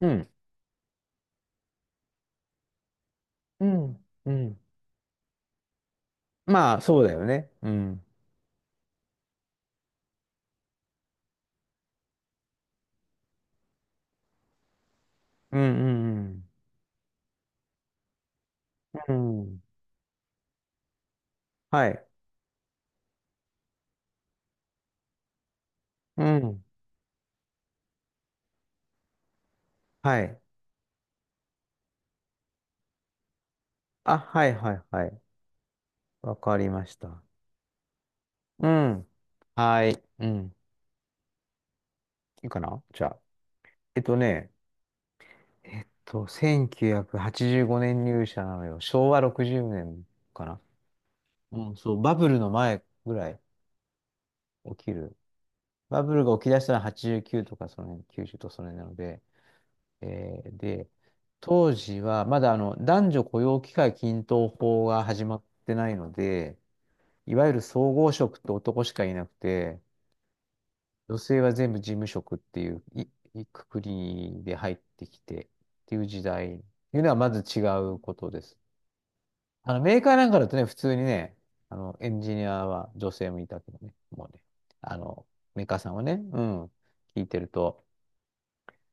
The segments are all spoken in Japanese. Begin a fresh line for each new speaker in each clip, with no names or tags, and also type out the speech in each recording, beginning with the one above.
うん、うん、うん。まあ、そうだよね。うん。うん、うん、うん。うん、はい。うん。はい。あ、はい、はい、はい。わかりました。うん。はい。うん。いいかなじゃあ。えっとね、1985年入社なのよ。昭和60年かな。うん、そう、バブルの前ぐらい起きる。バブルが起き出したのは89とか、その辺、90とその辺なので、えーで、当時はまだ男女雇用機会均等法が始まってないので、いわゆる総合職って男しかいなくて、女性は全部事務職っていう、いくくりで入ってきてっていう時代っていうのはまず違うことです。あのメーカーなんかだとね、普通にね、あのエンジニアは女性もいたけどね、もうね、あのメーカーさんはね、うん、聞いてると。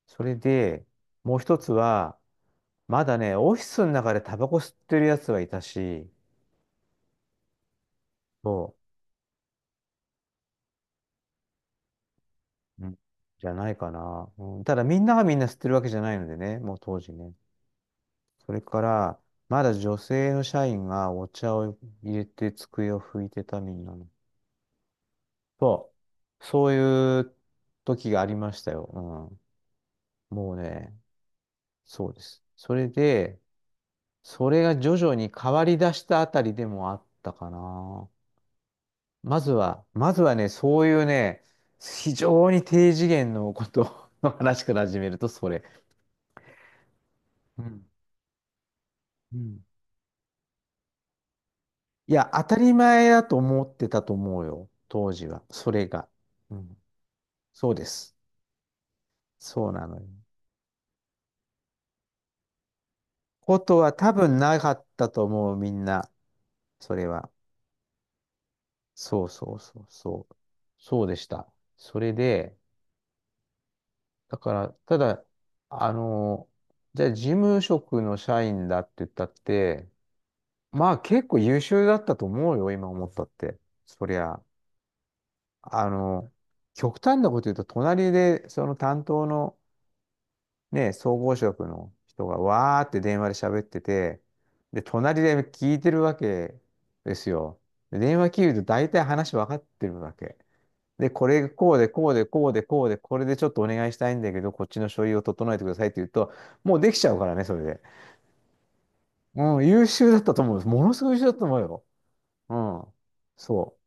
それで、もう一つは、まだね、オフィスの中でタバコ吸ってるやつはいたし、そう、うんじゃないかな。うん、ただみんながみんな吸ってるわけじゃないのでね、もう当時ね。それから、まだ女性の社員がお茶を入れて机を拭いてた、みんなの。そそういう時がありましたよ。うん、もうね、そうです。それで、それが徐々に変わり出したあたりでもあったかな。まずは、まずはね、そういうね、非常に低次元のことの 話から始めると、それ。うん。うんいや、当たり前だと思ってたと思うよ、当時は。それが。うん。そうです。そうなのよ。ことは多分なかったと思う、みんな。それは。そうそうそうそう。そうでした。それで、だから、ただ、あの、じゃあ事務職の社員だって言ったって、まあ結構優秀だったと思うよ、今思ったって。そりゃ、あの、極端なこと言うと、隣でその担当のね、総合職の人がわーって電話で喋ってて、で、隣で聞いてるわけですよ。で電話切ると大体話分かってるわけ。で、これこうでこうでこうでこうで、これでちょっとお願いしたいんだけど、こっちの書類を整えてくださいって言うと、もうできちゃうからね、それで。うん、優秀だったと思う。ものすごい優秀だったと思うよ。うん。そ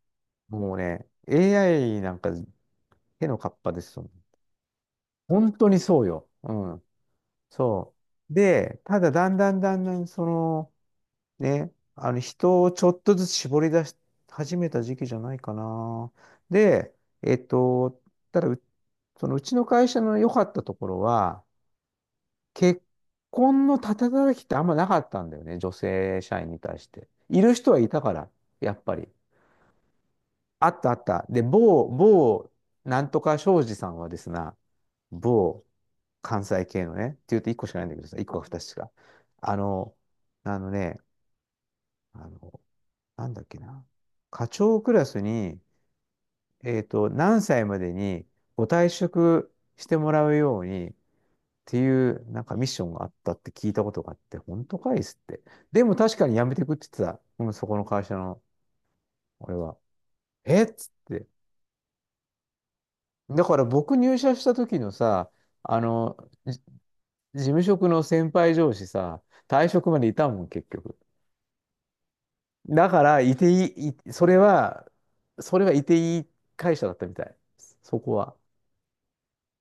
う。もうね、AI なんか手のかっぱですよ。本当にそうよ。うん。そう。で、ただだんだんだんだん、人をちょっとずつ絞り出し始めた時期じゃないかな。で、えっと、ただう、そのうちの会社の良かったところは、結婚のたたたきってあんまなかったんだよね、女性社員に対して。いる人はいたから、やっぱり。あったあった。で、某、なんとか庄司さんはですね、某関西系のね、って言うと1個しかないんだけどさ、1個か2つしか。あの、あのね、あの、なんだっけな。課長クラスに、何歳までにご退職してもらうようにっていう、なんかミッションがあったって聞いたことがあって、本当かいっすって。でも確かに辞めてくって言ってた。うん、そこの会社の、俺は。えっつって。だから僕入社した時のさ、あの、事務職の先輩上司さ、退職までいたもん、結局。だから、いていい、いそれは、それはいていい会社だったみたい。そこは。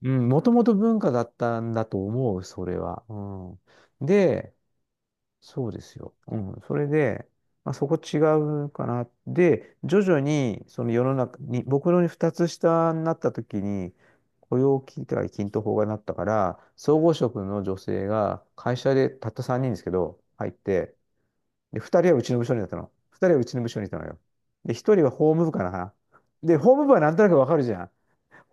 うん、もともと文化だったんだと思う、それは。うん。で、そうですよ。うん。それで、まあ、そこ違うかな。で、徐々に、その世の中に、僕の二つ下になった時に、雇用機会均等法がなったから、総合職の女性が会社でたった3人ですけど、入って、で、2人はうちの部署にいたの。2人はうちの部署にいたのよ。で、1人は法務部かな。で、法務部はなんとなくわかるじゃん。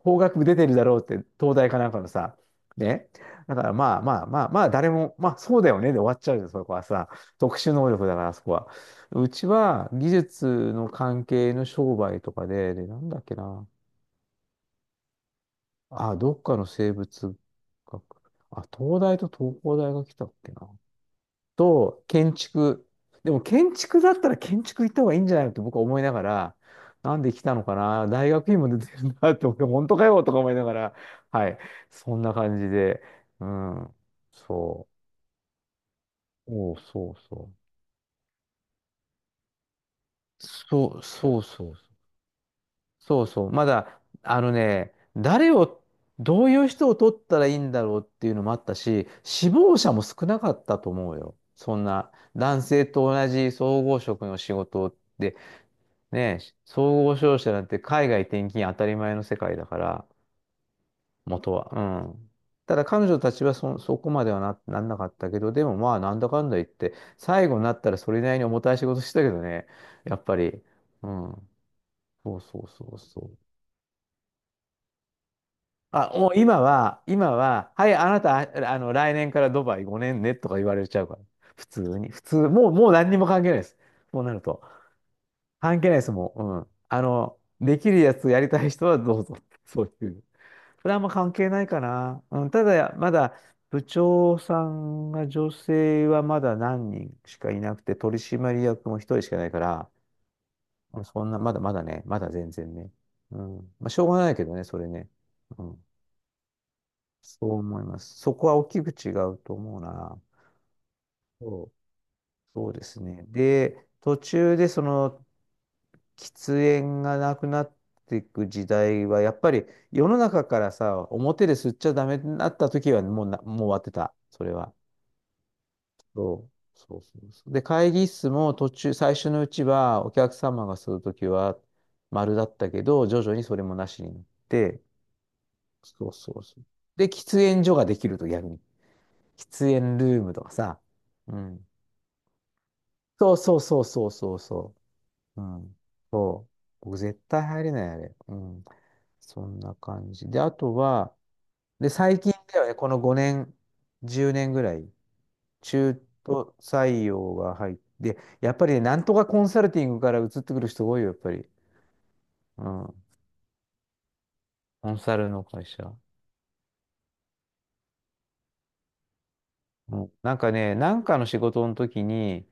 法学部出てるだろうって、東大かなんかのさ、ね。だからまあまあまあまあ、誰も、まあそうだよねで終わっちゃうよ、そこはさ。特殊能力だから、そこは。うちは技術の関係の商売とかで、で、なんだっけな。あ、どっかの生物学。あ、東大と東工大が来たっけな。と、建築。でも建築だったら建築行った方がいいんじゃないのって僕は思いながら、なんで来たのかな、大学院も出てるなって、俺本当かよとか思いながら、はい、そんな感じで、うん、そそうそう。そうそうそうそう。そうそう。まだ、あのね、どういう人を取ったらいいんだろうっていうのもあったし、死亡者も少なかったと思うよ。そんな、男性と同じ総合職の仕事でねえ、総合商社なんて海外転勤当たり前の世界だから、元は。うん。ただ彼女たちはそこまではなんなかったけど、でもまあなんだかんだ言って、最後になったらそれなりに重たい仕事してたけどね、やっぱり。うん。そうそうそうそう。あ、もう今は、今は、はい、あなた、あの、来年からドバイ5年ねとか言われちゃうから。普通に。普通、もう何にも関係ないです。こうなると。関係ないです、もう、うん。あの、できるやつやりたい人はどうぞ。そういう。それはあんま関係ないかな。うん、ただ、まだ部長さんが女性はまだ何人しかいなくて、取締役も一人しかないから、まあそんな、まだまだね、まだ全然ね。うん。まあ、しょうがないけどね、それね。うん。そう思います。そこは大きく違うと思うな。そう。そうですね。で、途中でその喫煙がなくなっていく時代は、やっぱり世の中からさ、表で吸っちゃダメになった時はもうな、もう終わってた、それは。そうそうそう。で、会議室も途中、最初のうちはお客様が吸う時は丸だったけど、徐々にそれもなしになって、そうそうそう。で、喫煙所ができると逆に。喫煙ルームとかさ。うん。そうそうそうそうそうそう。うん。そう。僕絶対入れない、あれ。うん。そんな感じ。で、あとは、で、最近ではね、この5年、10年ぐらい、中途採用が入って、やっぱりね、なんとかコンサルティングから移ってくる人多いよ、やっぱり。うん。コンサルの会社。うん、なんかね、なんかの仕事の時に、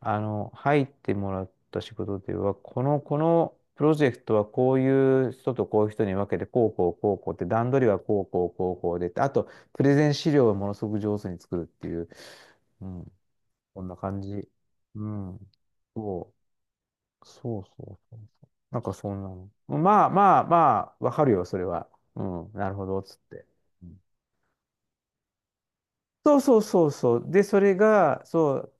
入ってもらった仕事では、このプロジェクトはこういう人とこういう人に分けて、こうこうこうこうって、段取りはこうこうこうこうで、あと、プレゼン資料をものすごく上手に作るっていう、うん、こんな感じ。うん。そそうそうそう。なんかそんなの。まあまあまあ、わかるよ、それは。うん、なるほど、つって。うん、そうそうそうそう。で、それが、そう、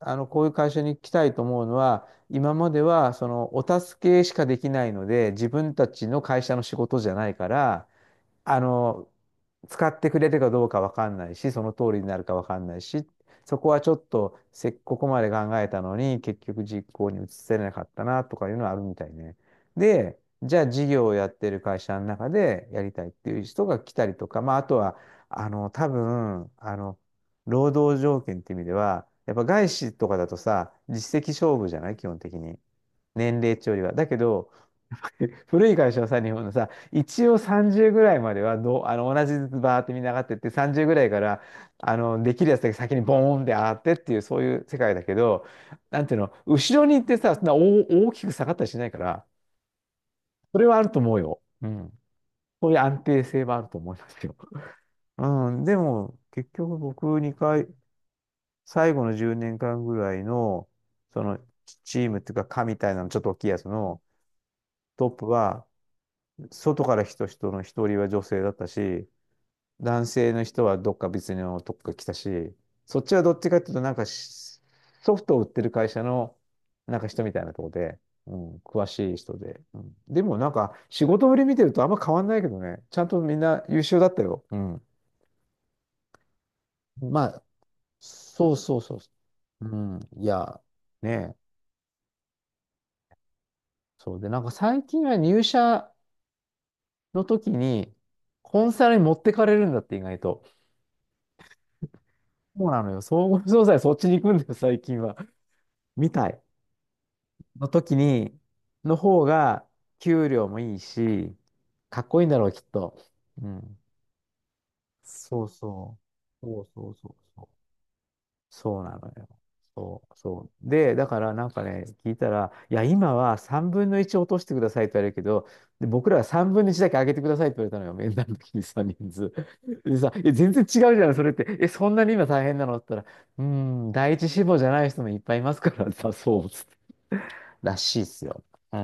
こういう会社に来たいと思うのは、今までは、その、お助けしかできないので、自分たちの会社の仕事じゃないから、あの、使ってくれるかどうかわかんないし、その通りになるかわかんないし、そこはちょっとここまで考えたのに、結局実行に移せなかったなとかいうのはあるみたいね。で、じゃあ事業をやってる会社の中でやりたいっていう人が来たりとか、まあ、あとは、多分、労働条件っていう意味では、やっぱ外資とかだとさ、実績勝負じゃない基本的に。年齢値よりは。だけど、古い会社はさ、日本のさ、一応30ぐらいまではどう、あの、同じずつバーってみんな上がってって、30ぐらいから、できるやつだけ先にボーンって上がってっていう、そういう世界だけど、なんていうの、後ろに行ってさ、そんな大きく下がったりしないから、それはあると思うよ。うん。そういう安定性はあると思いますよ。うん。でも、結局僕2回、最後の10年間ぐらいの、その、チームっていうか、課みたいなの、ちょっと大きいやつのトップは、外から人の一人は女性だったし、男性の人はどっか別のとこから来たし、そっちはどっちかっていうと、なんかしソフトを売ってる会社のなんか人みたいなとこで、うん、詳しい人で、うん。でもなんか仕事ぶり見てるとあんま変わんないけどね、ちゃんとみんな優秀だったよ。うん。まあ、そうそうそうそう。うん。いや、ねえ。そうで、なんか最近は入社の時に、コンサルに持ってかれるんだって意外と。そうなのよ。総合商社そっちに行くんだよ、最近は。みたい。の時に、の方が、給料もいいし、かっこいいんだろう、きっと。うん。そうそう。そうそうそうそう。そうなのよ。そう、そう。で、だからなんかね、聞いたら、いや、今は3分の1落としてくださいって言われるけど、で、僕らは3分の1だけ上げてくださいって言われたのよ、面談の時にさ、人数。でさ、え、全然違うじゃない、それって。え、そんなに今大変なのって言ったら、第一志望じゃない人もいっぱいいますからさ、そうっつって、らしいっすよ。うん。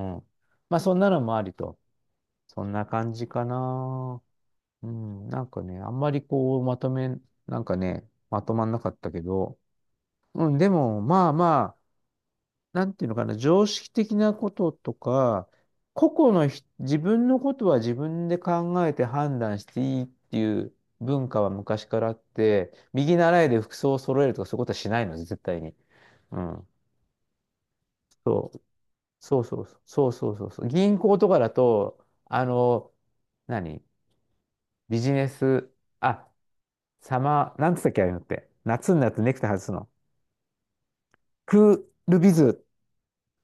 まあ、そんなのもありと。そんな感じかな。うん、なんかね、あんまりこう、まとめ、なんかね、まとまんなかったけど、うん、でも、まあまあ、なんていうのかな、常識的なこととか、個々の自分のことは自分で考えて判断していいっていう文化は昔からあって、右習いで服装を揃えるとかそういうことはしないので、絶対に。うん。そう、そうそうそうそう。銀行とかだと、何ビジネス、あ、サマー、なんつったっけ、ああいうのって。夏になってネクタイ外すの。クールビズ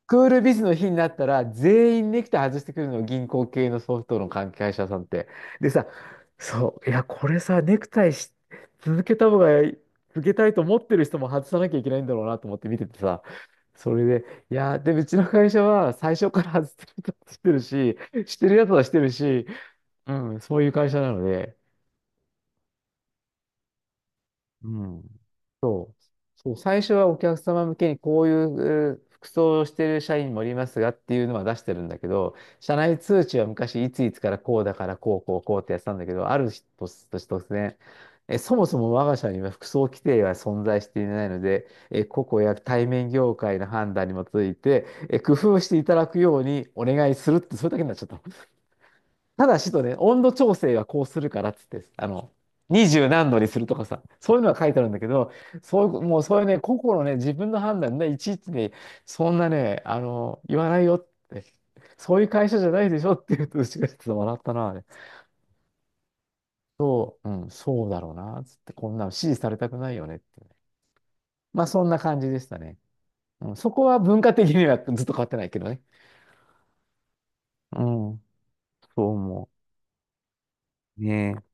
クールビズの日になったら、全員ネクタイ外してくるの、銀行系のソフトの関係者さんって。でさ、そう、いや、これさ、ネクタイし続けた方が、続けたいと思ってる人も外さなきゃいけないんだろうなと思って見ててさ、それで、いや、で、うちの会社は最初から外してる人はしてるし、してるやつはしてるし、うん、そういう会社なので、うん。そう。そう、最初はお客様向けにこういう服装をしている社員もおりますがっていうのは出してるんだけど、社内通知は昔いついつからこうだからこうこうこうってやってたんだけど、ある日突然、え、そもそも我が社には服装規定は存在していないので、え、個々や対面業界の判断に基づいて、え、工夫していただくようにお願いするって、それだけになっちゃった。ただしとね、温度調整はこうするからっつって、二十何度にするとかさ、そういうのが書いてあるんだけど、そういう、もうそういうね、個々のね、自分の判断で、いちいちね、そんなね、言わないよって、そういう会社じゃないでしょって言うと、うちがちょっと笑ったな、あれ。うん、そうだろうな、つって、こんなの指示されたくないよねって。まあ、そんな感じでしたね。うん、そこは文化的にはずっと変わってないけどね。うん、そう思う。ねえ